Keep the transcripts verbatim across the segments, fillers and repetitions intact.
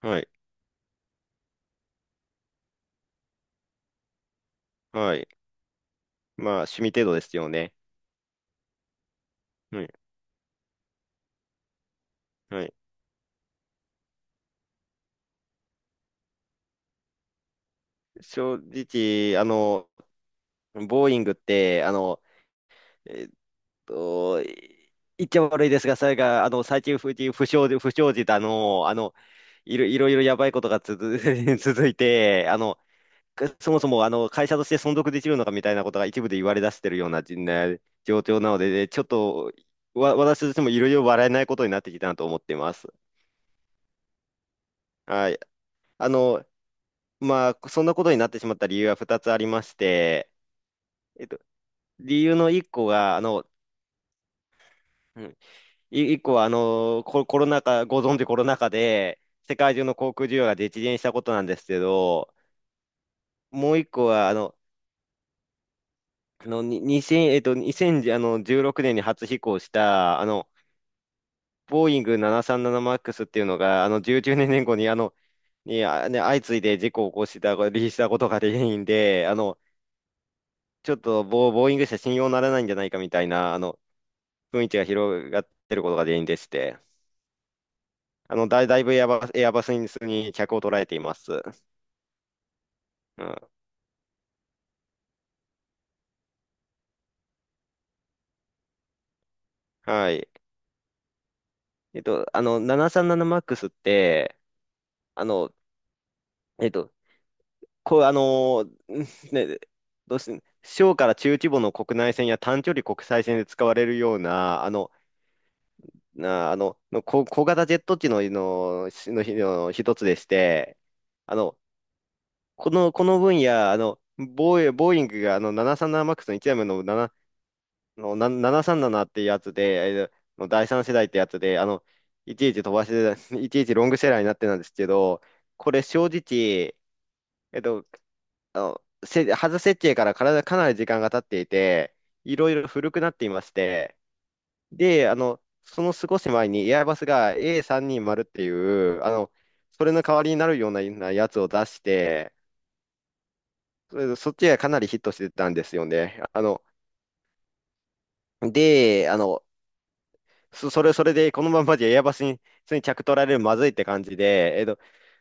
はい。はい。まあ、趣味程度ですよね。はい。はい。正直、あの、ボーイングって、あの、えっと、い言っちゃ悪いですが、それが、あの、最近不不祥事、不祥事だの、あの、いろいろいろやばいことが続、続いて、あの、そもそも、あの、会社として存続できるのかみたいなことが一部で言われ出してるような、じね状況なので、ちょっと、わ、私としてもいろいろ笑えないことになってきたなと思っています。はい。あの、まあ、そんなことになってしまった理由はふたつありまして、えっと、理由のいっこが、あの、うんいいっこは、あの、ココロナ禍、ご存知コロナ禍で、世界中の航空需要が激減したことなんですけど、もういっこは、あの、あの、に2 0えっと、にせんじゅうろくねんに初飛行した、あの、ボーイング ななさんななマックス っていうのが、あの、じゅうきゅうねんごに、あの、に、あ、ね、相次いで事故を起こした、離陸したことが原因で、あの、ちょっとボー、ボーイング社信用ならないんじゃないかみたいな、あの、雰囲気が広がってることが原因でして、あの、だ、だいぶエアバス、エアバスに客を捉えています。うん。はい。えっと、あの、ななさんななマックス って、あの、えっと、こう、あの ね、どうして、小から中規模の国内線や短距離国際線で使われるような、あの、なあの、の小、小型ジェット機の、の、しの、の一つでして、あの、この、この分野、あの、ボーイ、ボーイングがあの ななさんななマックス のいちだいめのななの、な、ななさんななっていうやつで、えーのだいさん世代ってやつで、あの、いちいち飛ばして、いちいちロングセラーになってたんですけど、これ正直、えっと、あの、せ、外設計から体かなり時間が経っていて、いろいろ古くなっていまして、で、あの、その少し前にエアバスが エーさんにじゅう っていう、あの、それの代わりになるようななやつを出して、それでそっちがかなりヒットしてたんですよね。あの、で、あの、そ、それ、それで、このままじゃエアバスに、普通に着取られるまずいって感じで、えっと、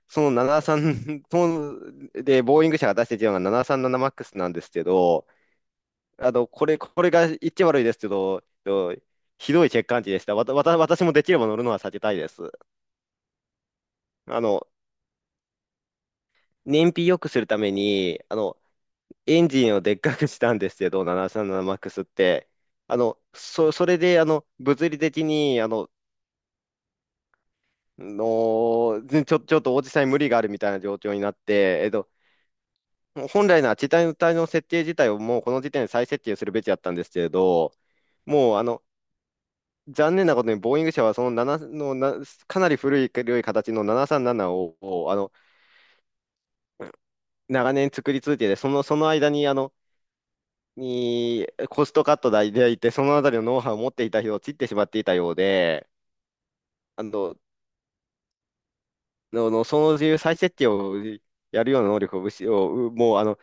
その73と で、ボーイング社が出しているのが ななさんななマックス なさんななマックスなんですけど、あの、これ、これが言っちゃ悪いですけど、えっとひどい欠陥値でした。わた、わた、私もできれば乗るのは避けたいです。あの、燃費良くするために、あの、エンジンをでっかくしたんですけど、ななさんななマックス って。あの、そ、それで、あの、物理的に、あの、の、ぜちょ、ちょっとおじさんに無理があるみたいな状況になって、えっと、もう本来なら地帯の体の設定自体をもうこの時点で再設定するべきだったんですけれど、もうあの、残念なことに、ボーイング社はその7のな、かなり古い、古い形のななさんななを、をあの、長年作り続けて、その、その間に、あの、にコストカットでいて、そのあたりのノウハウを持っていた人を切ってしまっていたようで、あの、の、のその自由再設定をやるような能力を失を、うもうあの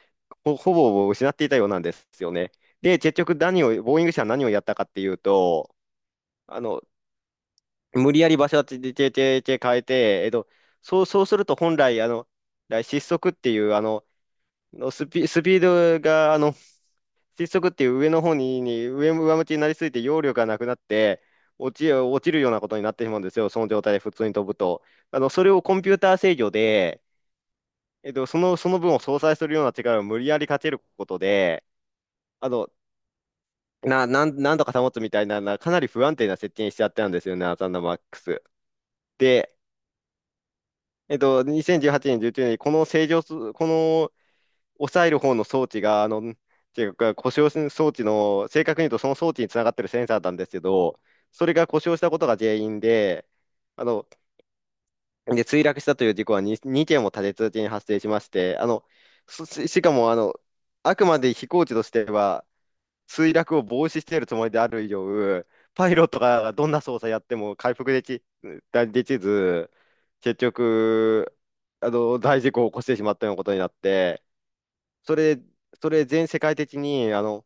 ほ、ほぼ失っていたようなんですよね。で、結局何を、ボーイング社は何をやったかっていうと、あの、無理やり場所をててててて変えて、えっと、そう、そうすると本来、あの、失速っていう、あの、のスピ、スピードが、あの、失速っていう上の方に、に上、上向きになりすぎて揚力がなくなって、落ち、落ちるようなことになってしまうんですよ、その状態で普通に飛ぶと。あの、それをコンピューター制御で、えっと、その、その分を相殺するような力を無理やりかけることで、あの、な、なん、なんとか保つみたいな、なかなり不安定な設定にしちゃったんですよね、アサンダマックス。で、えっと、にせんじゅうはちねん、じゅうきゅうねんにこの正常す、この抑える方の装置が、あの、っていうか、故障す装置の、正確に言うとその装置につながってるセンサーなんですけど、それが故障したことが原因で、あの、で、墜落したという事故は に にけんも立て続けに発生しまして、あの、そし、しかも、あの、あくまで飛行機としては、墜落を防止しているつもりである以上、パイロットがどんな操作やっても回復でき、できず、結局、あの、大事故を起こしてしまったようなことになって、それ、それ全世界的に、あの、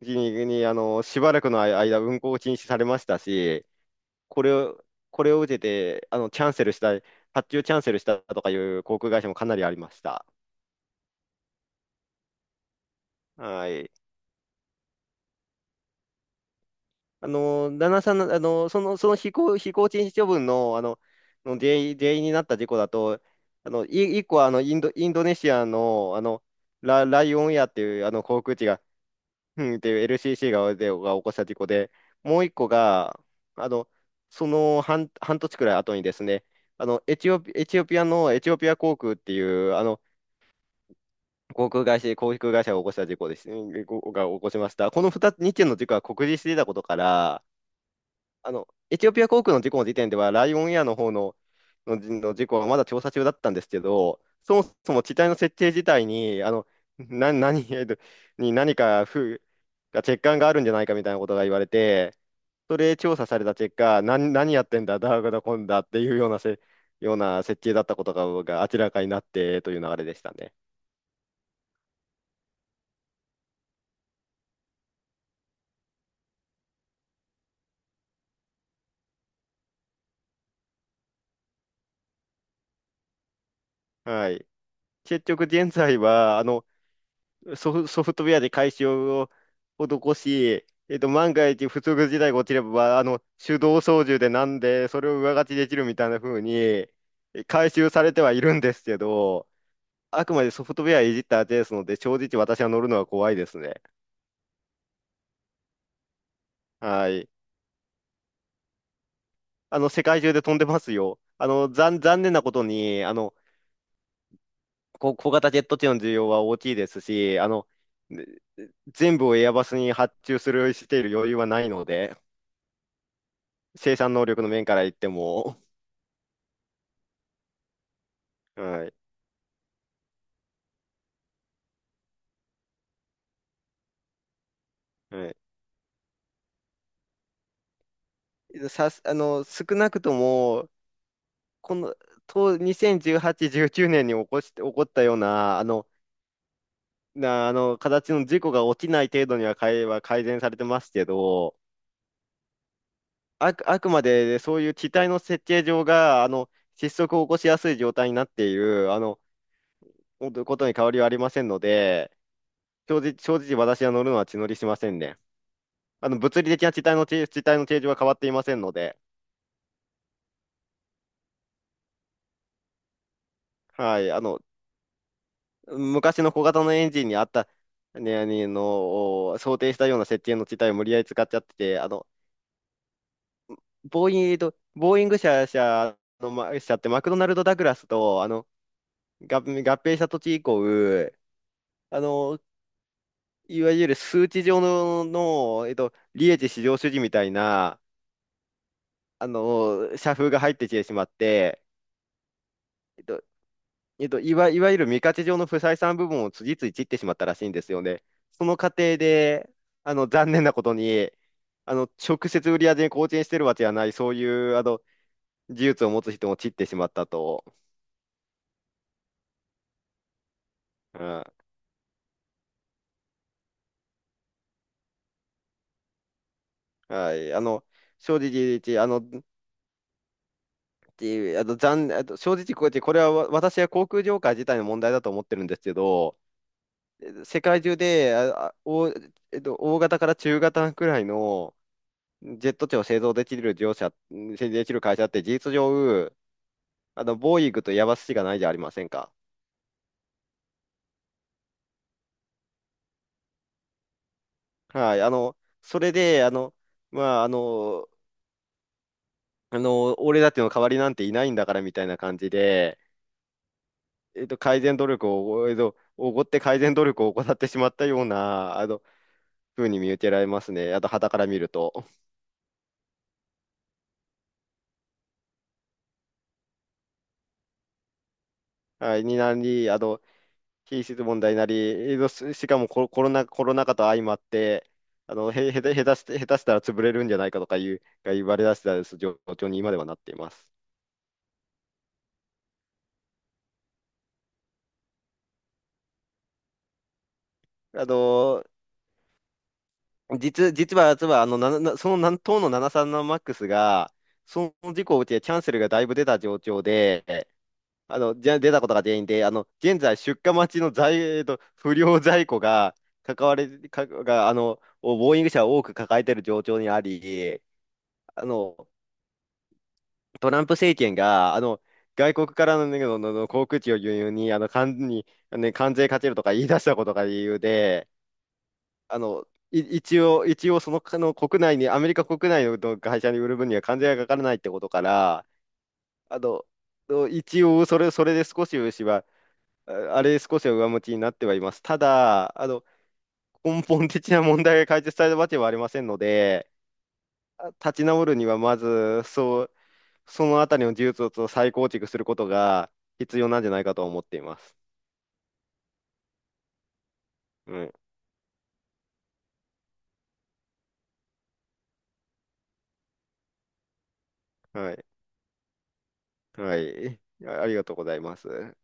に、に、あの、しばらくの間、運航を禁止されましたし、これを、これを受けて、あの、キャンセルした、発注キャンセルしたとかいう航空会社もかなりありました。はい。あの、旦那さんの、あの、その、その飛行、飛行禁止処分の、あの、の原因、原因になった事故だと、あの、い、一個はあの、インド、インドネシアの、あの、ラ、ライオンエアっていう、あの、航空機が、うんっていう エルシーシー が、で、が起こした事故で、もう一個が、あの、その半、半年くらい後にですね、あの、エチオピ、エチオピアのエチオピア航空っていう、あの、航空会社、航空会社が起こした事故です。うんごが起こしました。このふたつ、にけんの事故は酷似していたことから、あの、エチオピア航空の事故の時点では、ライオンエアの方の、の、の事故はまだ調査中だったんですけど、そもそも機体の設定自体に、あの、な、何、えっとに何か不、欠陥があるんじゃないかみたいなことが言われて、それ調査された結果、何、何やってんだ、ダーグだ、こんだっていうようなせ、ような設計だったことがが明らかになってという流れでしたね。はい。結局現在は、あの、ソフ、ソフトウェアで改修を施し、えっと、万が一不測事態が起きれば、あの、手動操縦でなんで、それを上書きできるみたいな風に、え改修されてはいるんですけど、あくまでソフトウェアいじった後ですので、正直私は乗るのは怖いですね。はい。あの、世界中で飛んでますよ。あの、残、残念なことに、あの、こ小型ジェット機の需要は大きいですし、あの、全部をエアバスに発注する、している余裕はないので、生産能力の面から言っても、はい、はい。さす、あの、少なくとも、この、と、にせんじゅうはち、じゅうくねんに起こして、起こったような、あの、な、あの、形の事故が起きない程度には改、は改善されてますけど、あく、あくまで、そういう機体の設計上が、あの、失速を起こしやすい状態になっている、あの、ことに変わりはありませんので、正直、正直私は乗るのは血乗りしませんね。あの、物理的な地体の形、地体の形状は変わっていませんので、はい、あの、昔の小型のエンジンにあった、ね、あの、お想定したような設定の地帯を無理やり使っちゃってて、あの、ボーイング、ボーイング社、社の、ま社ってマクドナルド・ダグラスと、あの、合合併した土地以降、あの、いわゆる数値上の、の、えっと、利益至上主義みたいな、あの、社風が入ってきてしまって、えっとえっと、いわ、いわゆる未価値上の不採算部分を次々切ってしまったらしいんですよね。その過程で、あの、残念なことに、あの、直接売り上げに貢献してるわけじゃない、そういう、あの、技術を持つ人も散ってしまったと。うん、はい。あの、正直、あの、ってあの、残、あと正直こうやって、これはわ私は航空業界自体の問題だと思ってるんですけど、世界中で、あ、あお、えっと、大型から中型くらいの、ジェット機を製造できる業者、製造できる会社って事実上、あの、ボーイングとヤマスしかないじゃありませんか。はい。あの、それで、あの、まあ、あの、あの、俺たちの代わりなんていないんだからみたいな感じで、えっと、改善努力を、えっと、おごって改善努力を怠ってしまったような、あの、ふうに見受けられますね。あと、傍から見ると。はい。になり、あの、品質問題になり、しかもコロ、コロナ、コロナ禍と相まって、あの、へ、へた、下手して、下手したら潰れるんじゃないかとかいう、が言われ出した状況に今ではなっています。あの、実、実は、実は、あの、な、なその南東のななさんななマックスが、その事故を受けてキャンセルがだいぶ出た状況で、あの、じゃ、出たことが原因で、あの、現在出荷待ちの在、えーと、不良在庫が、関われ、か、が、あの、ボーイング社を多く抱えている状況にあり、あの、トランプ政権が、あの、外国からの、ね、の、のの航空機を輸入に、あの、関に、ね、関税かけるとか言い出したことが理由で、あの、い一応、一応その、あの国内に、アメリカ国内の会社に売る分には関税がかからないってことから、あの、一応、それ、それで少し牛は、ああれ少しは上向きになってはいます。ただ、あの、根本的な問題が解決されたわけはありませんので、立ち直るにはまず、そう、そのあたりの技術を再構築することが必要なんじゃないかと思っています。うん。はい。はい。あありがとうございます。